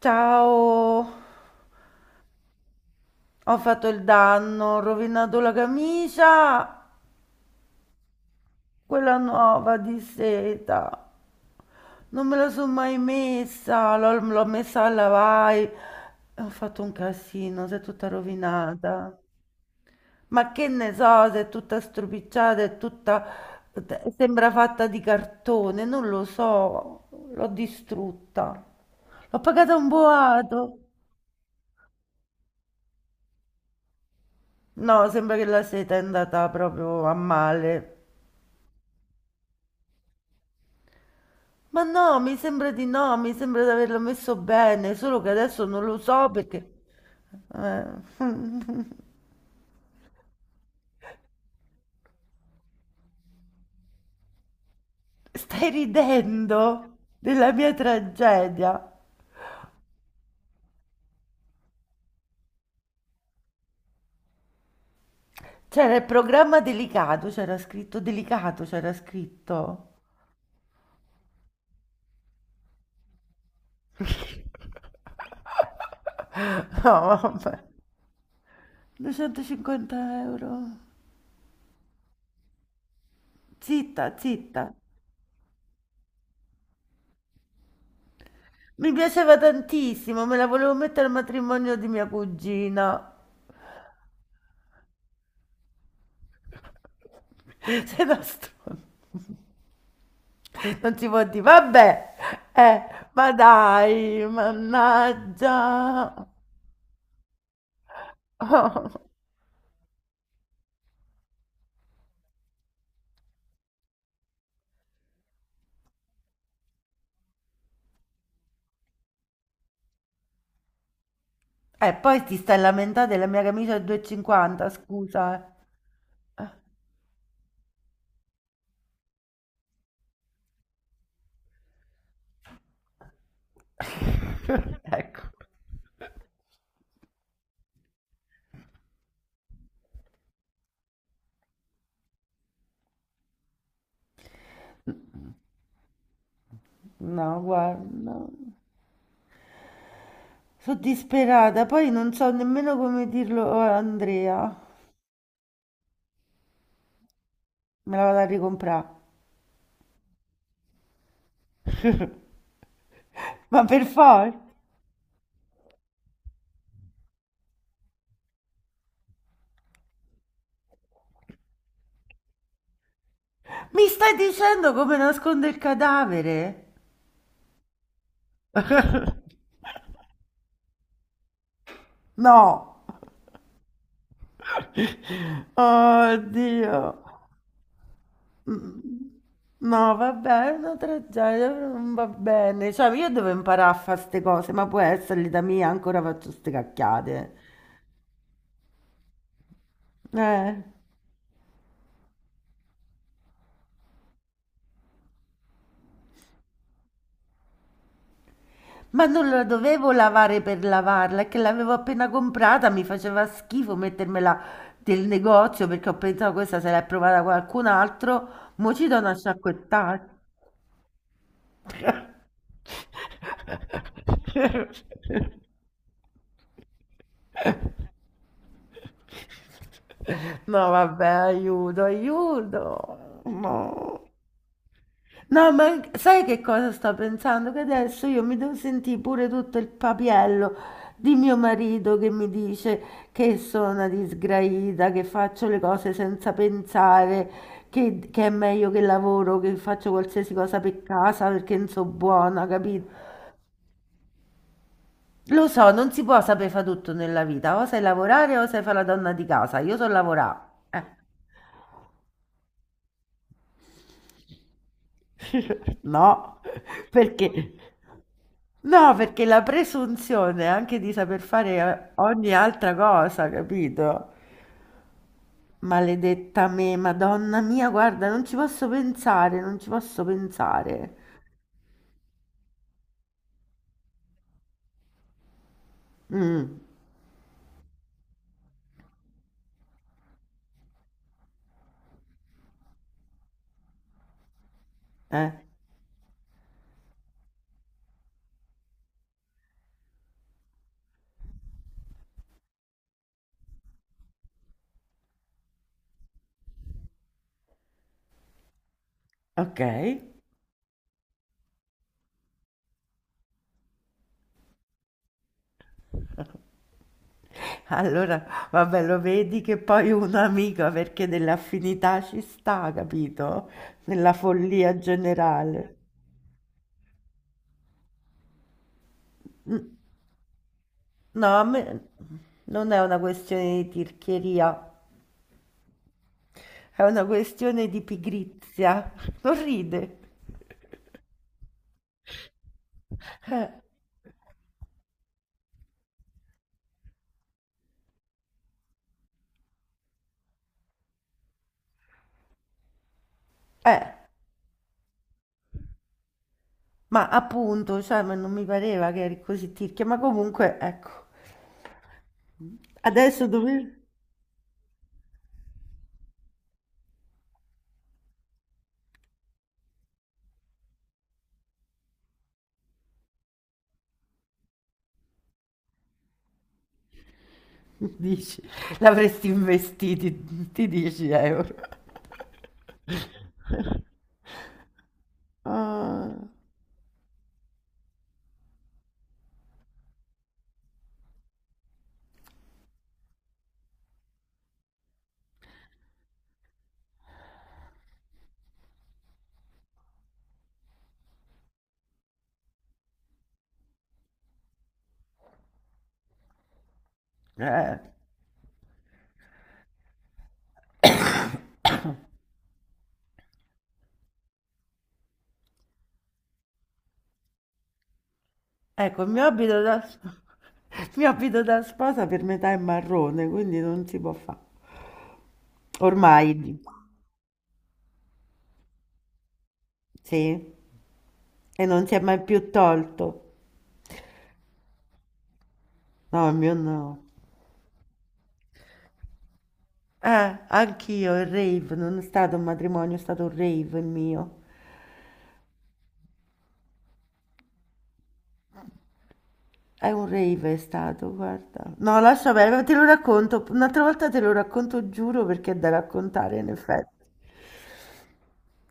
Ciao, ho fatto il danno, ho rovinato la camicia, quella nuova di seta. Non me la sono mai messa, l'ho messa a lavare. Ho fatto un casino, si è tutta rovinata. Ma che ne so, se è tutta stropicciata, è tutta sembra fatta di cartone, non lo so, l'ho distrutta. L'ho pagata un boato. No, sembra che la seta è andata proprio a male. Ma no, mi sembra di no, mi sembra di averlo messo bene, solo che adesso non lo so perché. Eh, stai ridendo della mia tragedia. C'era il programma delicato, c'era scritto delicato, c'era scritto. No, vabbè. 250 euro. Zitta, zitta. Mi piaceva tantissimo, me la volevo mettere al matrimonio di mia cugina. Sei da stronzo. Non si può dire, vabbè, ma dai, mannaggia. E poi ti stai lamentando della mia camicia a 2,50, scusa. Eh. Ecco, no, guarda. Sono disperata, poi non so nemmeno come dirlo a Andrea. Me la vado a ricomprare. Ma per forza. Mi stai dicendo come nasconde il cadavere? No. Oddio. Mhmm, no vabbè, è una tragedia, però non va bene. Cioè, io devo imparare a fa' 'ste cose, ma può essere l'età mia, ancora faccio 'ste cacchiate. Eh. Ma non la dovevo lavare per lavarla, è che l'avevo appena comprata, mi faceva schifo mettermela del negozio perché ho pensato questa se l'è provata qualcun altro, mo ci do una sciacquettata. No vabbè, aiuto, aiuto. No. No, ma sai che cosa sto pensando? Che adesso io mi devo sentire pure tutto il papiello di mio marito che mi dice che sono una disgraida, che faccio le cose senza pensare, che è meglio che lavoro, che faccio qualsiasi cosa per casa perché non so buona, capito? Lo so, non si può sapere fare tutto nella vita, o sai lavorare o sai fare la donna di casa. Io so lavorare. Eh. No, perché? No, perché la presunzione anche di saper fare ogni altra cosa, capito? Maledetta me, Madonna mia, guarda, non ci posso pensare, non ci posso pensare. Mm, eh, ok. Allora, vabbè, lo vedi che poi un'amica perché dell'affinità ci sta, capito? Nella follia generale. No, a me non è una questione di tirchieria, è una questione di pigrizia. Non ride. Eh, eh, ma appunto, cioè, ma non mi pareva che eri così tirchia, ma comunque, ecco, adesso dove dici, l'avresti investiti, ti 10 euro. Ah, eh, ecco, il mio abito da, il mio abito da sposa per metà è marrone, quindi non si può fare. Ormai, sì, e non si è mai più tolto. No, il mio no. Anch'io, il rave, non è stato un matrimonio, è stato un rave il mio. È un rave, è stato, guarda. No, lascia perdere, ma te lo racconto, un'altra volta te lo racconto, giuro, perché è da raccontare, in effetti.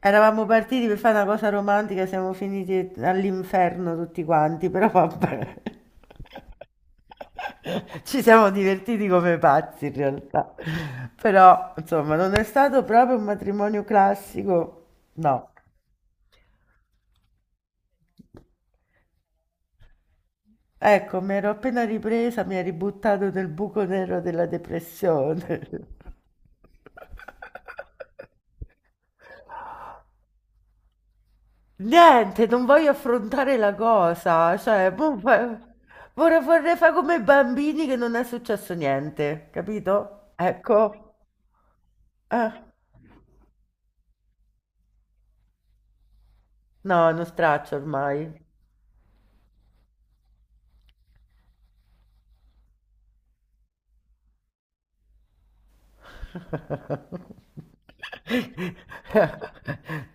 Eravamo partiti per fare una cosa romantica, siamo finiti all'inferno tutti quanti, però vabbè. Ci siamo divertiti come pazzi in realtà. Però, insomma, non è stato proprio un matrimonio classico, no. Ecco, mi ero appena ripresa, mi ha ributtato nel buco nero della depressione. Niente, non voglio affrontare la cosa, cioè, boh, vorrei, vorrei fare come i bambini che non è successo niente, capito? Ecco, eh, no, non straccio ormai.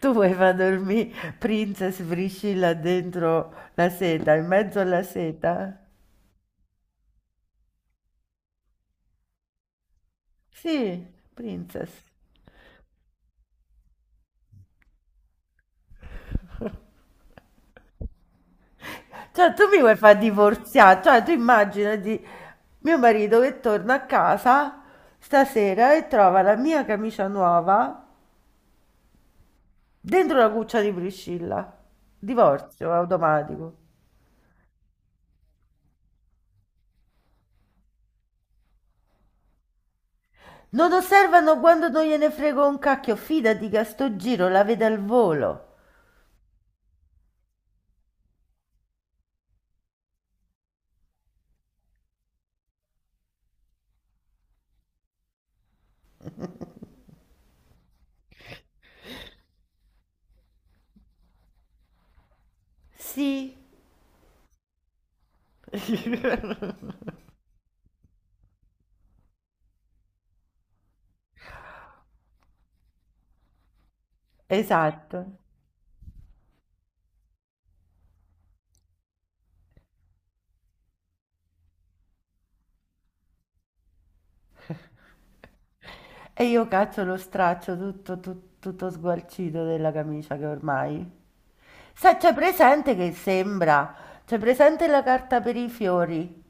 Tu vuoi far dormire Princess Priscilla dentro la seta, in mezzo alla seta? Sì, Princess. Cioè, tu mi vuoi far divorziare? Cioè, tu immaginati mio marito che torna a casa stasera e trova la mia camicia nuova dentro la cuccia di Priscilla. Divorzio automatico. Non osservano quando non gliene frego un cacchio, fidati che a sto giro la vede al volo. Sì, esatto. E io caccio lo straccio tutto, tutto, tutto sgualcito della camicia che ormai. Sai, c'è presente che sembra. C'è presente la carta per i fiori?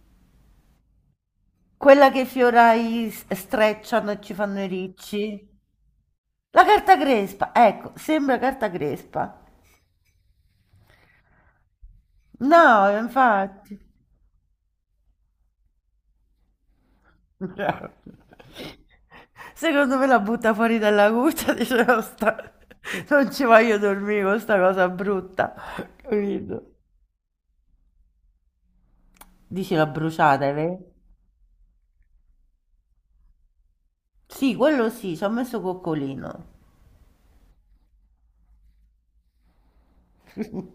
Quella che i fiorai strecciano e ci fanno i ricci. La carta crespa, ecco, sembra carta crespa. No, infatti. Bravo. Secondo me la butta fuori dalla cuccia, dice, "No, non ci voglio dormire con sta cosa brutta." Capito? Dici l'ha bruciata, è vero? Sì, quello sì, ci ho messo coccolino.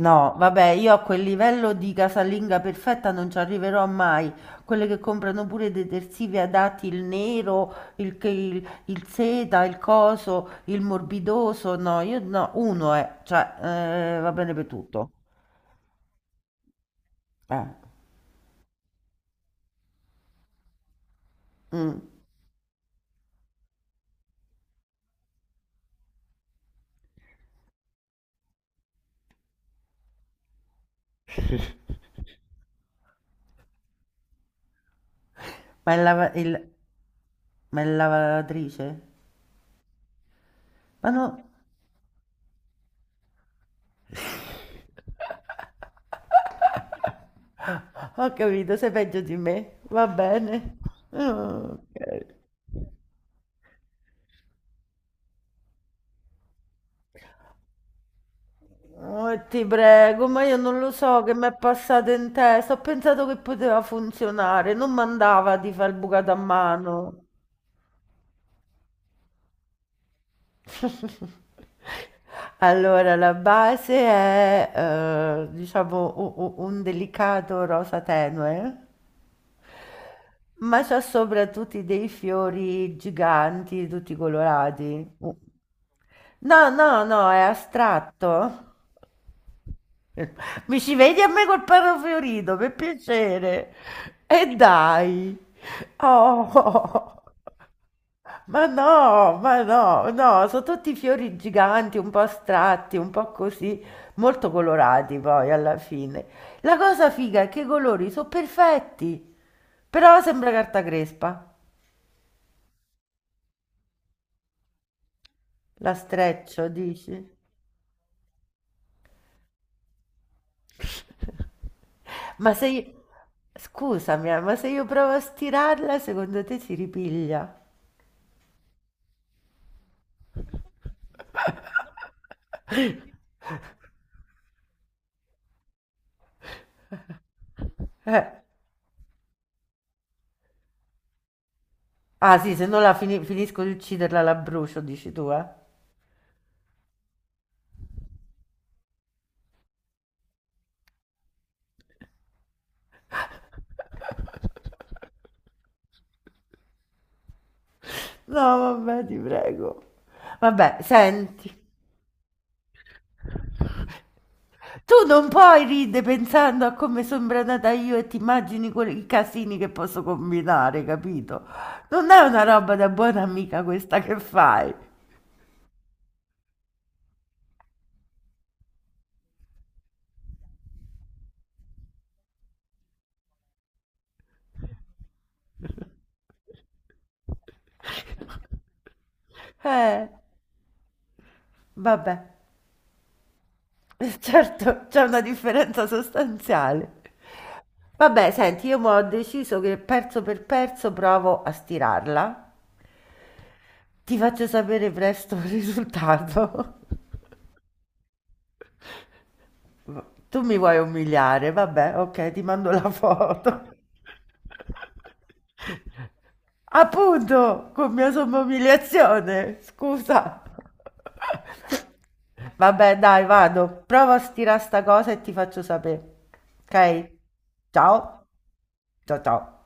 No, vabbè, io a quel livello di casalinga perfetta non ci arriverò mai. Quelle che comprano pure i detersivi adatti, il nero, il, il seta, il coso, il morbidoso. No, io no, uno è, cioè, va bene per tutto. Eh, mm. Ma è ma è lavatrice? Ma no. Ho capito, sei peggio di me. Va bene. Ok. Oh, ti prego, ma io non lo so che mi è passato in testa. Ho pensato che poteva funzionare, non mandava di far il bucato a mano. Allora, la base è, diciamo, un delicato rosa tenue, ma c'ha sopra tutti dei fiori giganti, tutti colorati. No, no, no, è astratto. Mi ci vedi a me col perro fiorito, per piacere. E dai. Oh, ma no, no, sono tutti fiori giganti, un po' astratti, un po' così, molto colorati poi alla fine. La cosa figa è che i colori sono perfetti, però sembra carta crespa. La streccio, dici? Ma se io. Scusami, ma se io provo a stirarla, secondo te si ripiglia? Eh, ah sì, se no la finisco di ucciderla, la brucio, dici tu, eh? No, vabbè, ti prego. Vabbè, senti, tu non puoi ridere pensando a come sono branata io e ti immagini i casini che posso combinare, capito? Non è una roba da buona amica questa che fai. Eh, vabbè, certo, c'è una differenza sostanziale. Vabbè, senti, io mo ho deciso che perso per perso provo a stirarla. Ti faccio sapere presto il risultato. Tu mi vuoi umiliare? Vabbè, ok, ti mando la foto. Appunto, con mia somma umiliazione, scusa. Vabbè, dai, vado. Prova a stirare sta cosa e ti faccio sapere. Ok? Ciao. Ciao ciao.